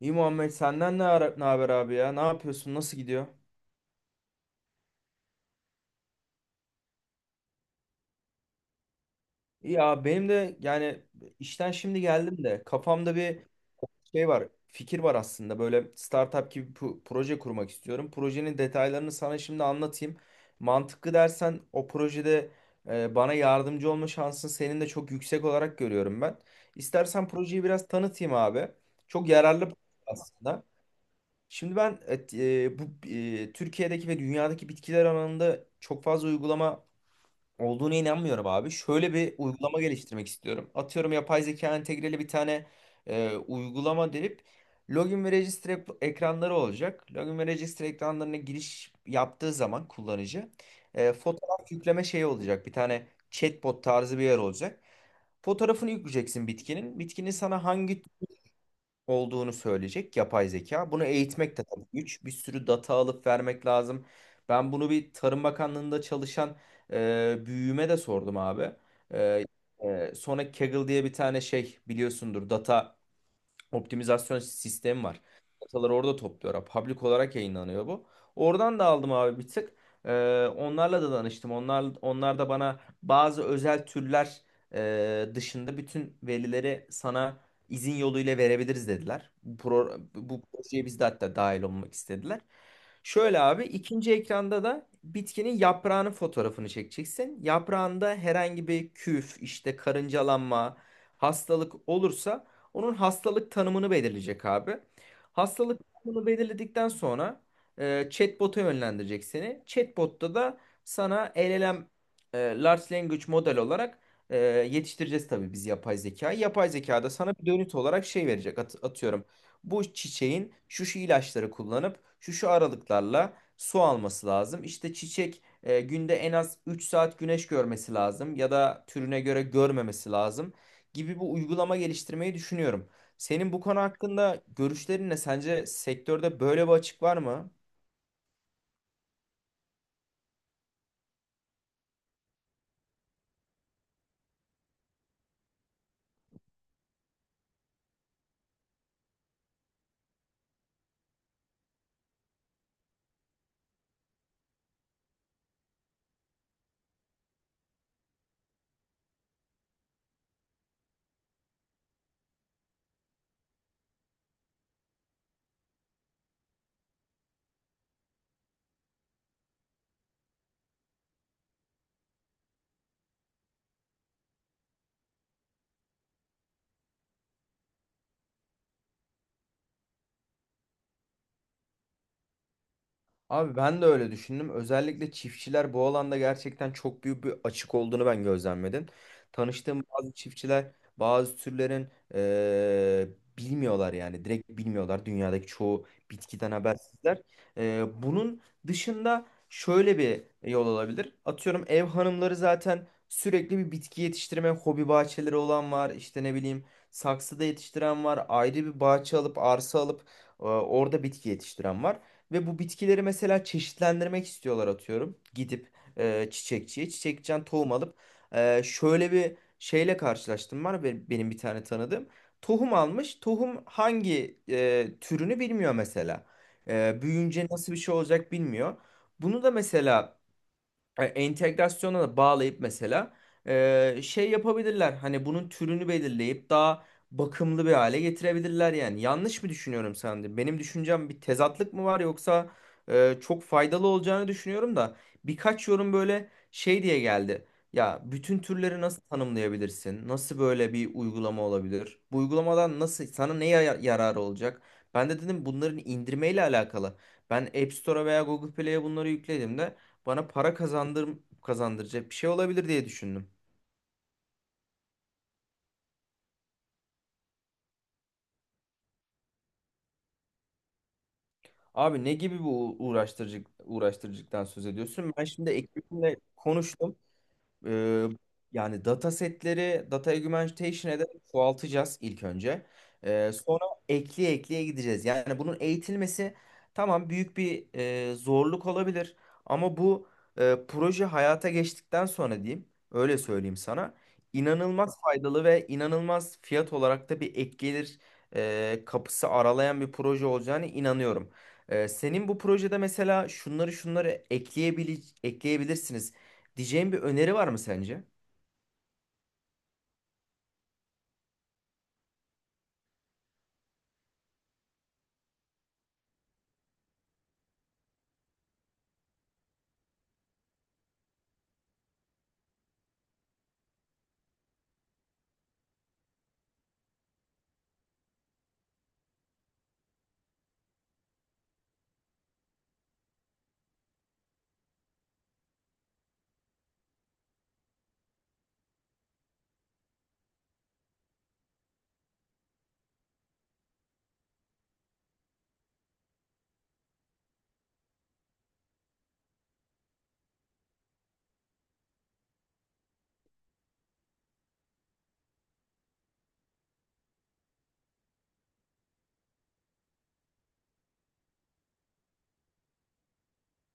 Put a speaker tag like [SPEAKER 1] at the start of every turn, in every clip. [SPEAKER 1] İyi Muhammed senden ne haber abi ya? Ne yapıyorsun? Nasıl gidiyor? İyi. Ya benim de yani işten şimdi geldim de kafamda bir fikir var aslında. Böyle startup gibi proje kurmak istiyorum. Projenin detaylarını sana şimdi anlatayım. Mantıklı dersen o projede bana yardımcı olma şansın senin de çok yüksek olarak görüyorum ben. İstersen projeyi biraz tanıtayım abi. Çok yararlı aslında. Şimdi ben bu Türkiye'deki ve dünyadaki bitkiler alanında çok fazla uygulama olduğuna inanmıyorum abi. Şöyle bir uygulama geliştirmek istiyorum. Atıyorum yapay zeka entegreli bir tane uygulama derip login ve register ekranları olacak. Login ve register ekranlarına giriş yaptığı zaman kullanıcı fotoğraf yükleme şeyi olacak. Bir tane chatbot tarzı bir yer olacak. Fotoğrafını yükleyeceksin bitkinin. Bitkinin sana hangi olduğunu söyleyecek yapay zeka. Bunu eğitmek de tabii güç. Bir sürü data alıp vermek lazım. Ben bunu bir Tarım Bakanlığı'nda çalışan büyüğüme de sordum abi. E, Sonra Kaggle diye bir tane şey biliyorsundur, data optimizasyon sistemi var. Dataları orada topluyorlar. Public olarak yayınlanıyor bu. Oradan da aldım abi bir tık. Onlarla da danıştım. Onlar da bana bazı özel türler dışında bütün verileri sana izin yoluyla verebiliriz dediler. Bu projeye biz de hatta dahil olmak istediler. Şöyle abi, ikinci ekranda da bitkinin yaprağının fotoğrafını çekeceksin. Yaprağında herhangi bir küf, işte karıncalanma, hastalık olursa onun hastalık tanımını belirleyecek abi. Hastalık tanımını belirledikten sonra chatbot'a yönlendirecek seni. Chatbot'ta da sana LLM, Large Language Model olarak e, yetiştireceğiz tabii biz yapay zekayı. Yapay zeka da sana bir dönüt olarak şey verecek. Atıyorum, bu çiçeğin şu şu ilaçları kullanıp şu şu aralıklarla su alması lazım. İşte çiçek günde en az 3 saat güneş görmesi lazım, ya da türüne göre görmemesi lazım gibi bir uygulama geliştirmeyi düşünüyorum. Senin bu konu hakkında görüşlerin ne? Sence sektörde böyle bir açık var mı? Abi ben de öyle düşündüm. Özellikle çiftçiler bu alanda gerçekten çok büyük bir açık olduğunu ben gözlemledim. Tanıştığım bazı çiftçiler bazı türlerin eee, bilmiyorlar yani. Direkt bilmiyorlar. Dünyadaki çoğu bitkiden habersizler. Bunun dışında şöyle bir yol olabilir. Atıyorum, ev hanımları zaten sürekli bir bitki yetiştirme hobi bahçeleri olan var. İşte ne bileyim, saksıda yetiştiren var. Ayrı bir bahçe alıp, arsa alıp orada bitki yetiştiren var. Ve bu bitkileri mesela çeşitlendirmek istiyorlar atıyorum. Gidip e, çiçekçiye çiçekçiden tohum alıp şöyle bir şeyle karşılaştım, var benim, bir tane tanıdığım. Tohum almış. Tohum hangi türünü bilmiyor mesela. E, büyüyünce nasıl bir şey olacak bilmiyor. Bunu da mesela entegrasyona da bağlayıp mesela şey yapabilirler. Hani bunun türünü belirleyip daha bakımlı bir hale getirebilirler yani. Yanlış mı düşünüyorum sence? Benim düşüncem bir tezatlık mı var, yoksa çok faydalı olacağını düşünüyorum da birkaç yorum böyle şey diye geldi. Ya bütün türleri nasıl tanımlayabilirsin? Nasıl böyle bir uygulama olabilir? Bu uygulamadan nasıl sana yararı olacak? Ben de dedim bunların indirmeyle alakalı. Ben App Store'a veya Google Play'e bunları yükledim de bana para kazandır kazandıracak bir şey olabilir diye düşündüm. Abi ne gibi bu uğraştırıcı, uğraştırıcıktan söz ediyorsun? Ben şimdi ekibimle konuştum. Ee, Yani datasetleri data augmentation'a ederek çoğaltacağız ilk önce. Sonra ekleye ekleye gideceğiz. Yani bunun eğitilmesi tamam, büyük bir zorluk olabilir. Ama bu proje hayata geçtikten sonra diyeyim, öyle söyleyeyim sana, inanılmaz faydalı ve inanılmaz fiyat olarak da bir ek gelir kapısı aralayan bir proje olacağına inanıyorum. Senin bu projede mesela şunları şunları ekleyebilirsiniz diyeceğim bir öneri var mı sence?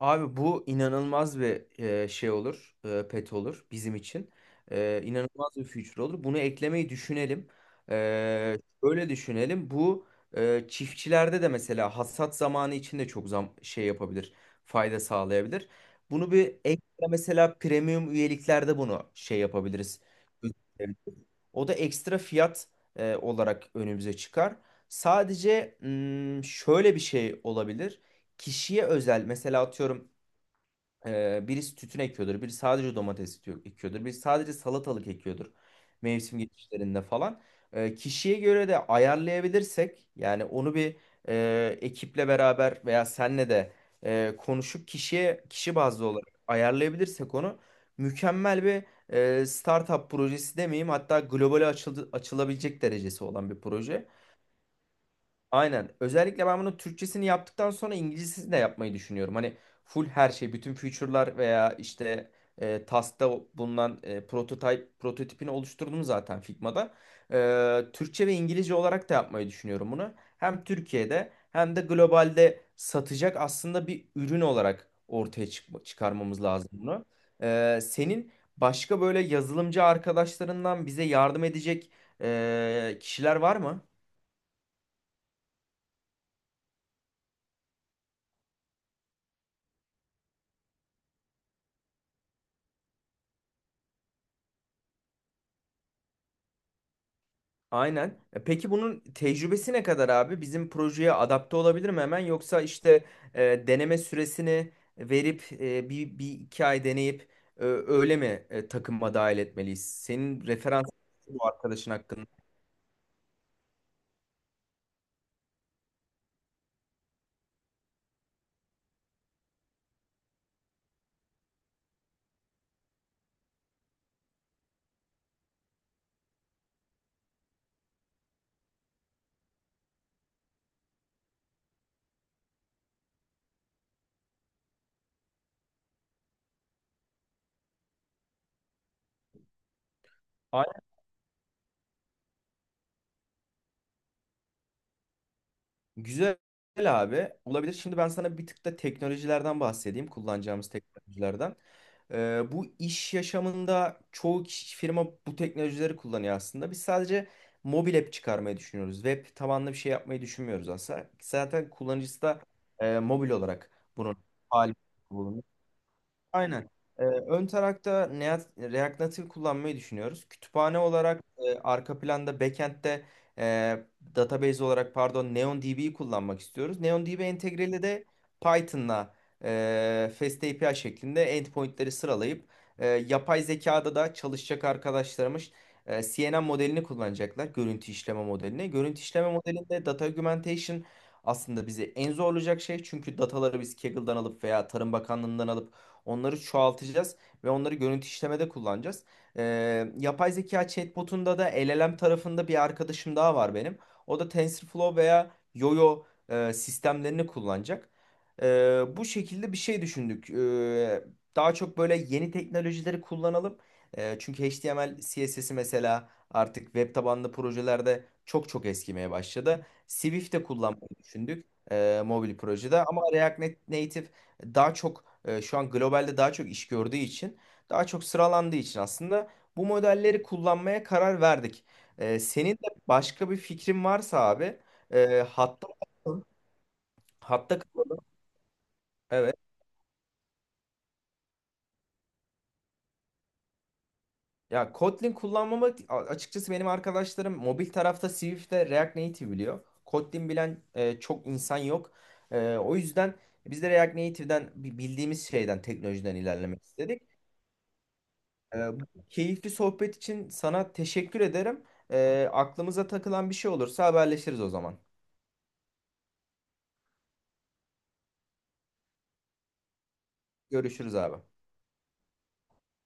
[SPEAKER 1] Abi bu inanılmaz bir şey olur, pet olur bizim için. E, inanılmaz bir future olur. Bunu eklemeyi düşünelim. E, öyle düşünelim. Bu çiftçilerde de mesela hasat zamanı için de çok zam şey yapabilir, fayda sağlayabilir. Bunu bir ekle mesela, premium üyeliklerde bunu şey yapabiliriz. O da ekstra fiyat olarak önümüze çıkar. Sadece mm, şöyle bir şey olabilir. Kişiye özel mesela, atıyorum birisi tütün ekiyordur, biri sadece ekiyordur, biri sadece salatalık ekiyordur mevsim geçişlerinde falan. Kişiye göre de ayarlayabilirsek yani, onu bir ekiple beraber veya senle de konuşup kişiye, kişi bazlı olarak ayarlayabilirsek onu, mükemmel bir startup projesi demeyeyim, hatta globale açılabilecek derecesi olan bir proje. Aynen. Özellikle ben bunun Türkçesini yaptıktan sonra İngilizcesini de yapmayı düşünüyorum. Hani full her şey, bütün feature'lar veya işte task'ta bulunan prototipini oluşturdum zaten Figma'da. E, Türkçe ve İngilizce olarak da yapmayı düşünüyorum bunu. Hem Türkiye'de hem de globalde satacak aslında bir ürün olarak çıkarmamız lazım bunu. Senin başka böyle yazılımcı arkadaşlarından bize yardım edecek kişiler var mı? Aynen. E, peki bunun tecrübesi ne kadar abi? Bizim projeye adapte olabilir mi hemen? Yoksa işte deneme süresini verip bir iki ay deneyip takıma dahil etmeliyiz? Senin referans bu arkadaşın hakkında. Güzel abi. Olabilir. Şimdi ben sana bir tık da teknolojilerden bahsedeyim, kullanacağımız teknolojilerden. Bu iş yaşamında çoğu kişi, firma bu teknolojileri kullanıyor aslında. Biz sadece mobil app çıkarmayı düşünüyoruz. Web tabanlı bir şey yapmayı düşünmüyoruz aslında. Zaten kullanıcısı da mobil olarak bunun hali. Aynen. Ön tarafta React Native kullanmayı düşünüyoruz. Kütüphane olarak, arka planda backend'de e, database olarak, pardon, NeonDB'yi kullanmak istiyoruz. NeonDB entegreli de Python'la FastAPI şeklinde endpointleri sıralayıp, yapay zekada da çalışacak arkadaşlarımız CNN modelini kullanacaklar. Görüntü işleme modelini. Görüntü işleme modelinde data augmentation aslında bizi en zorlayacak şey. Çünkü dataları biz Kaggle'dan alıp veya Tarım Bakanlığı'ndan alıp onları çoğaltacağız ve onları görüntü işlemede kullanacağız. Yapay zeka chatbotunda da LLM tarafında bir arkadaşım daha var benim. O da TensorFlow veya Yoyo sistemlerini kullanacak. Bu şekilde bir şey düşündük. Daha çok böyle yeni teknolojileri kullanalım. Çünkü HTML, CSS'i mesela artık web tabanlı projelerde çok eskimeye başladı. Swift de kullanmayı düşündük mobil projede, ama React Native daha çok, şu an globalde daha çok iş gördüğü için, daha çok sıralandığı için aslında bu modelleri kullanmaya karar verdik. Senin de başka bir fikrin varsa abi, e, hatta hatta kapalı. Evet. Ya Kotlin kullanmamak, açıkçası benim arkadaşlarım mobil tarafta Swift'te, React Native biliyor. Kotlin bilen çok insan yok. E, o yüzden biz de React Native'den bildiğimiz şeyden, teknolojiden ilerlemek istedik. Bu keyifli sohbet için sana teşekkür ederim. Aklımıza takılan bir şey olursa haberleşiriz o zaman. Görüşürüz abi.